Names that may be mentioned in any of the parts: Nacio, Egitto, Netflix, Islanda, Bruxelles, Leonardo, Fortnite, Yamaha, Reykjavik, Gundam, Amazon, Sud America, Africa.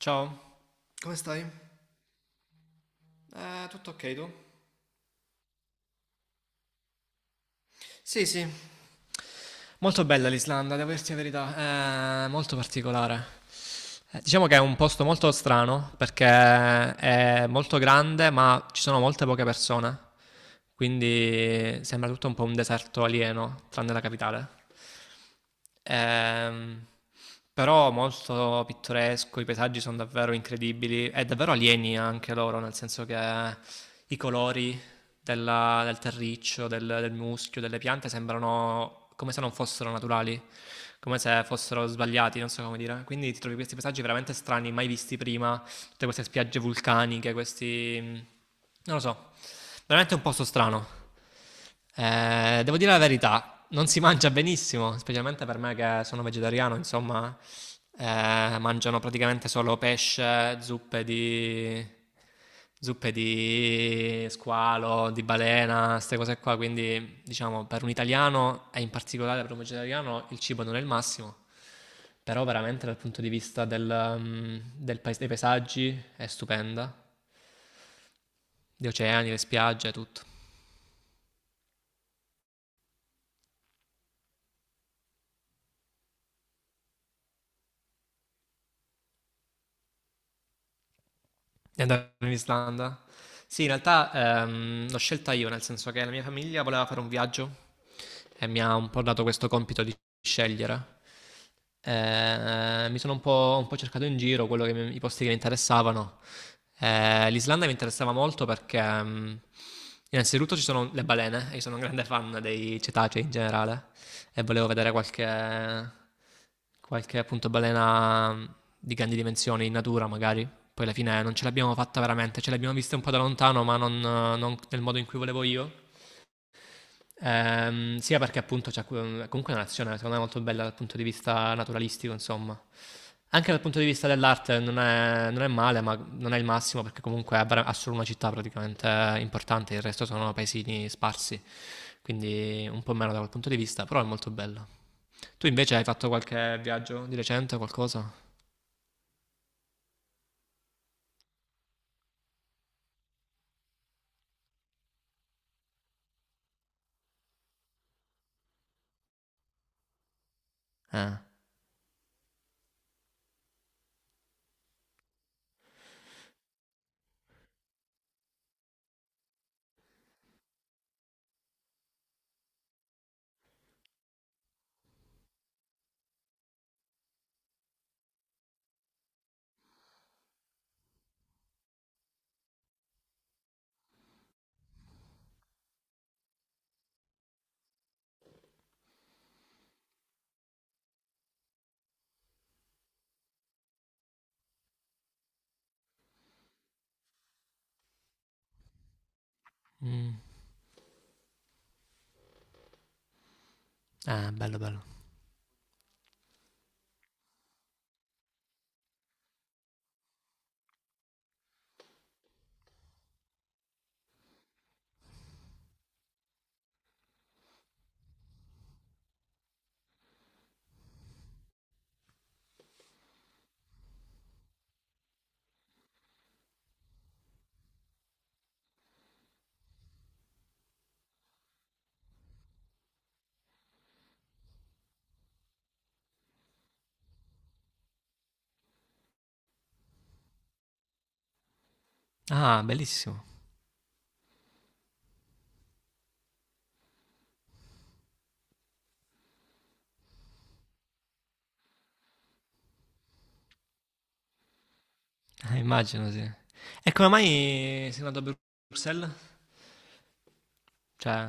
Ciao, come stai? Tutto ok tu? Sì, sì. Molto bella l'Islanda, devo dirti la verità, è molto particolare. Diciamo che è un posto molto strano perché è molto grande, ma ci sono molte poche persone, quindi sembra tutto un po' un deserto alieno, tranne la capitale. Ehm, Però molto pittoresco, i paesaggi sono davvero incredibili e davvero alieni anche loro, nel senso che i colori del terriccio, del muschio, delle piante sembrano come se non fossero naturali, come se fossero sbagliati, non so come dire. Quindi ti trovi questi paesaggi veramente strani, mai visti prima, tutte queste spiagge vulcaniche, non lo so, veramente un posto strano. Devo dire la verità, non si mangia benissimo, specialmente per me che sono vegetariano, insomma, mangiano praticamente solo pesce, zuppe di squalo, di balena, queste cose qua. Quindi, diciamo, per un italiano, e in particolare per un vegetariano, il cibo non è il massimo. Però veramente dal punto di vista del, mm, del pais- dei paesaggi è stupenda, gli oceani, le spiagge, tutto. Di andare in Islanda? Sì, in realtà l'ho scelta io, nel senso che la mia famiglia voleva fare un viaggio e mi ha un po' dato questo compito di scegliere. Mi sono un po' cercato in giro quello i posti che mi interessavano. L'Islanda mi interessava molto perché innanzitutto, ci sono le balene e io sono un grande fan dei cetacei in generale e volevo vedere qualche appunto balena di grandi dimensioni in natura, magari. Poi alla fine non ce l'abbiamo fatta veramente, ce l'abbiamo vista un po' da lontano, ma non nel modo in cui volevo io. Sia perché appunto c'è comunque è una nazione secondo me molto bella dal punto di vista naturalistico, insomma. Anche dal punto di vista dell'arte non è male, ma non è il massimo perché comunque ha solo una città praticamente importante, il resto sono paesini sparsi, quindi un po' meno da quel punto di vista, però è molto bello. Tu invece hai fatto qualche viaggio di recente, qualcosa? Eh, Mm. Bello bello. Ah, bellissimo. Immagino, sì. E come mai sei andato a Bruxelles? Cioè,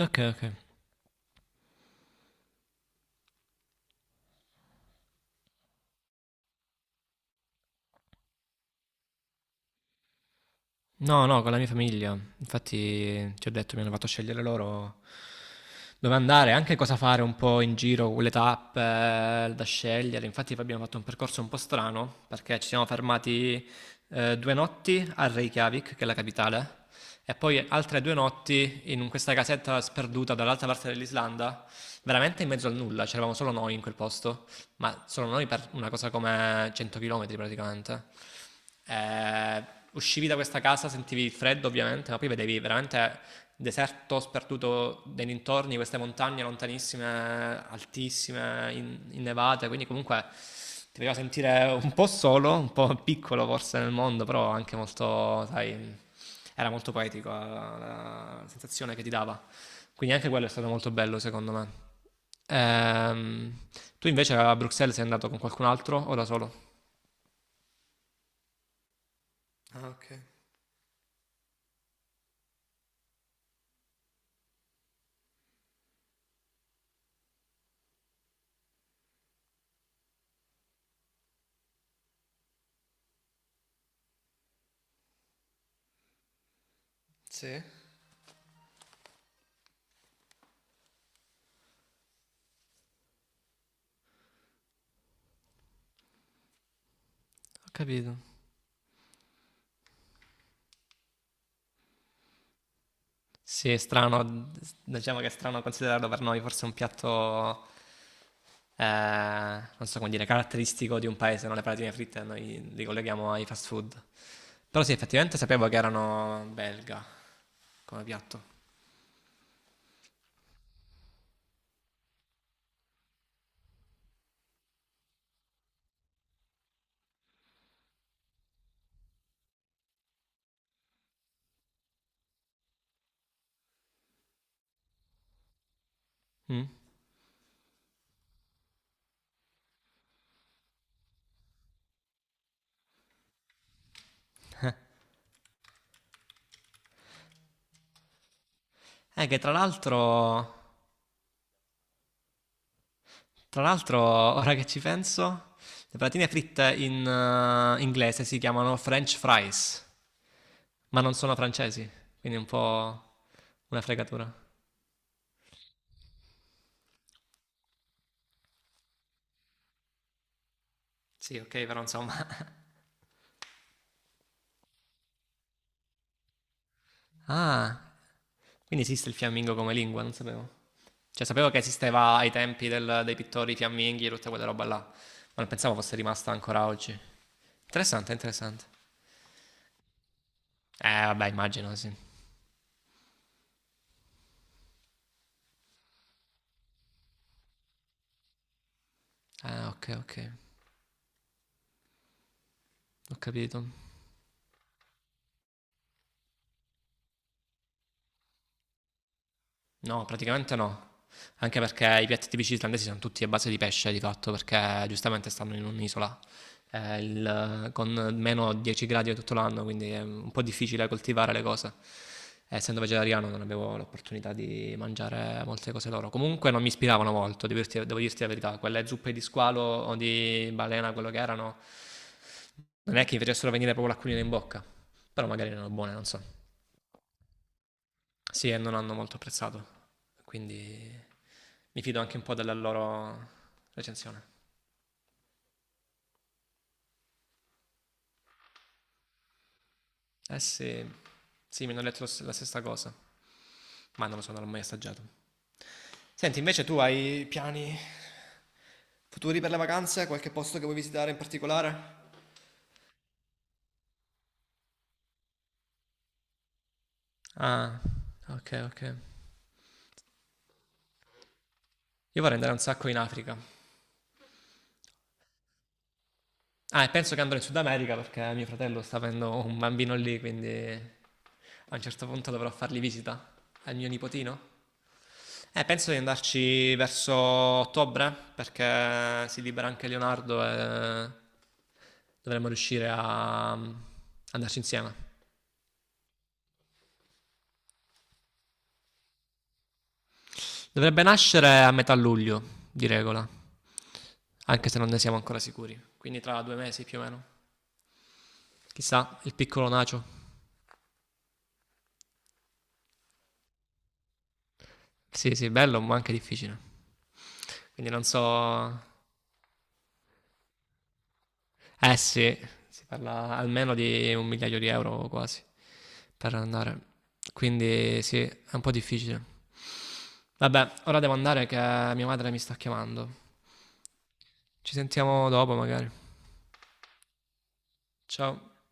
ok, ok. No, no, con la mia famiglia. Infatti, ti ho detto, mi hanno fatto scegliere loro dove andare, anche cosa fare un po' in giro, le tappe da scegliere. Infatti abbiamo fatto un percorso un po' strano perché ci siamo fermati 2 notti a Reykjavik, che è la capitale, e poi altre 2 notti in questa casetta sperduta dall'altra parte dell'Islanda, veramente in mezzo al nulla, c'eravamo solo noi in quel posto, ma solo noi per una cosa come 100 km praticamente. Eh, Uscivi da questa casa, sentivi il freddo ovviamente, ma poi vedevi veramente deserto sperduto nei dintorni, queste montagne lontanissime, altissime, innevate, quindi comunque ti faceva sentire un po' solo, un po' piccolo forse nel mondo, però anche molto, sai, era molto poetico la sensazione che ti dava. Quindi anche quello è stato molto bello secondo me. Ehm, Tu invece a Bruxelles sei andato con qualcun altro o da solo? Ah, ok. Sì. Ho capito. Sì, è strano, diciamo che è strano considerarlo per noi forse un piatto, eh, non so come dire, caratteristico di un paese, non le patatine fritte, noi li colleghiamo ai fast food. Però sì, effettivamente sapevo che erano belga come piatto. Mm. Che tra l'altro, ora che ci penso, le patatine fritte in inglese si chiamano French fries, ma non sono francesi, quindi è un po' una fregatura. Sì, ok, però insomma. Ah, quindi esiste il fiammingo come lingua, non sapevo. Cioè, sapevo che esisteva ai tempi dei pittori fiamminghi e tutta quella roba là, ma non pensavo fosse rimasta ancora oggi. Interessante, interessante. Vabbè, immagino, sì. Ah, ok, ok, ho capito. No, praticamente no. Anche perché i piatti tipici islandesi sono tutti a base di pesce di fatto, perché giustamente stanno in un'isola con meno 10 gradi tutto l'anno, quindi è un po' difficile coltivare le cose. Essendo vegetariano non avevo l'opportunità di mangiare molte cose loro. Comunque non mi ispiravano molto, devo dirti la verità. Quelle zuppe di squalo o di balena, quello che erano, non è che mi facessero venire proprio l'acquolina in bocca. Però magari erano buone, non so. Sì, e non hanno molto apprezzato, quindi mi fido anche un po' della loro recensione. Eh sì, sì, mi hanno detto la stessa cosa, ma non lo so, non l'ho mai assaggiato. Senti, invece tu hai piani futuri per le vacanze? Qualche posto che vuoi visitare in particolare? Ah, ok, ok. Io vorrei andare un sacco in Africa. Ah, e penso che andrò in Sud America perché mio fratello sta avendo un bambino lì, quindi a un certo punto dovrò fargli visita al mio nipotino. Penso di andarci verso ottobre, perché si libera anche Leonardo e dovremmo riuscire a andarci insieme. Dovrebbe nascere a metà luglio, di regola, anche se non ne siamo ancora sicuri. Quindi tra 2 mesi più o meno. Chissà, il piccolo Nacio. Sì, sì, bello, ma anche difficile. Quindi non so... Eh sì, si parla almeno di un migliaio di euro quasi per andare. Quindi sì, è un po' difficile. Vabbè, ora devo andare che mia madre mi sta chiamando. Ci sentiamo dopo magari. Ciao.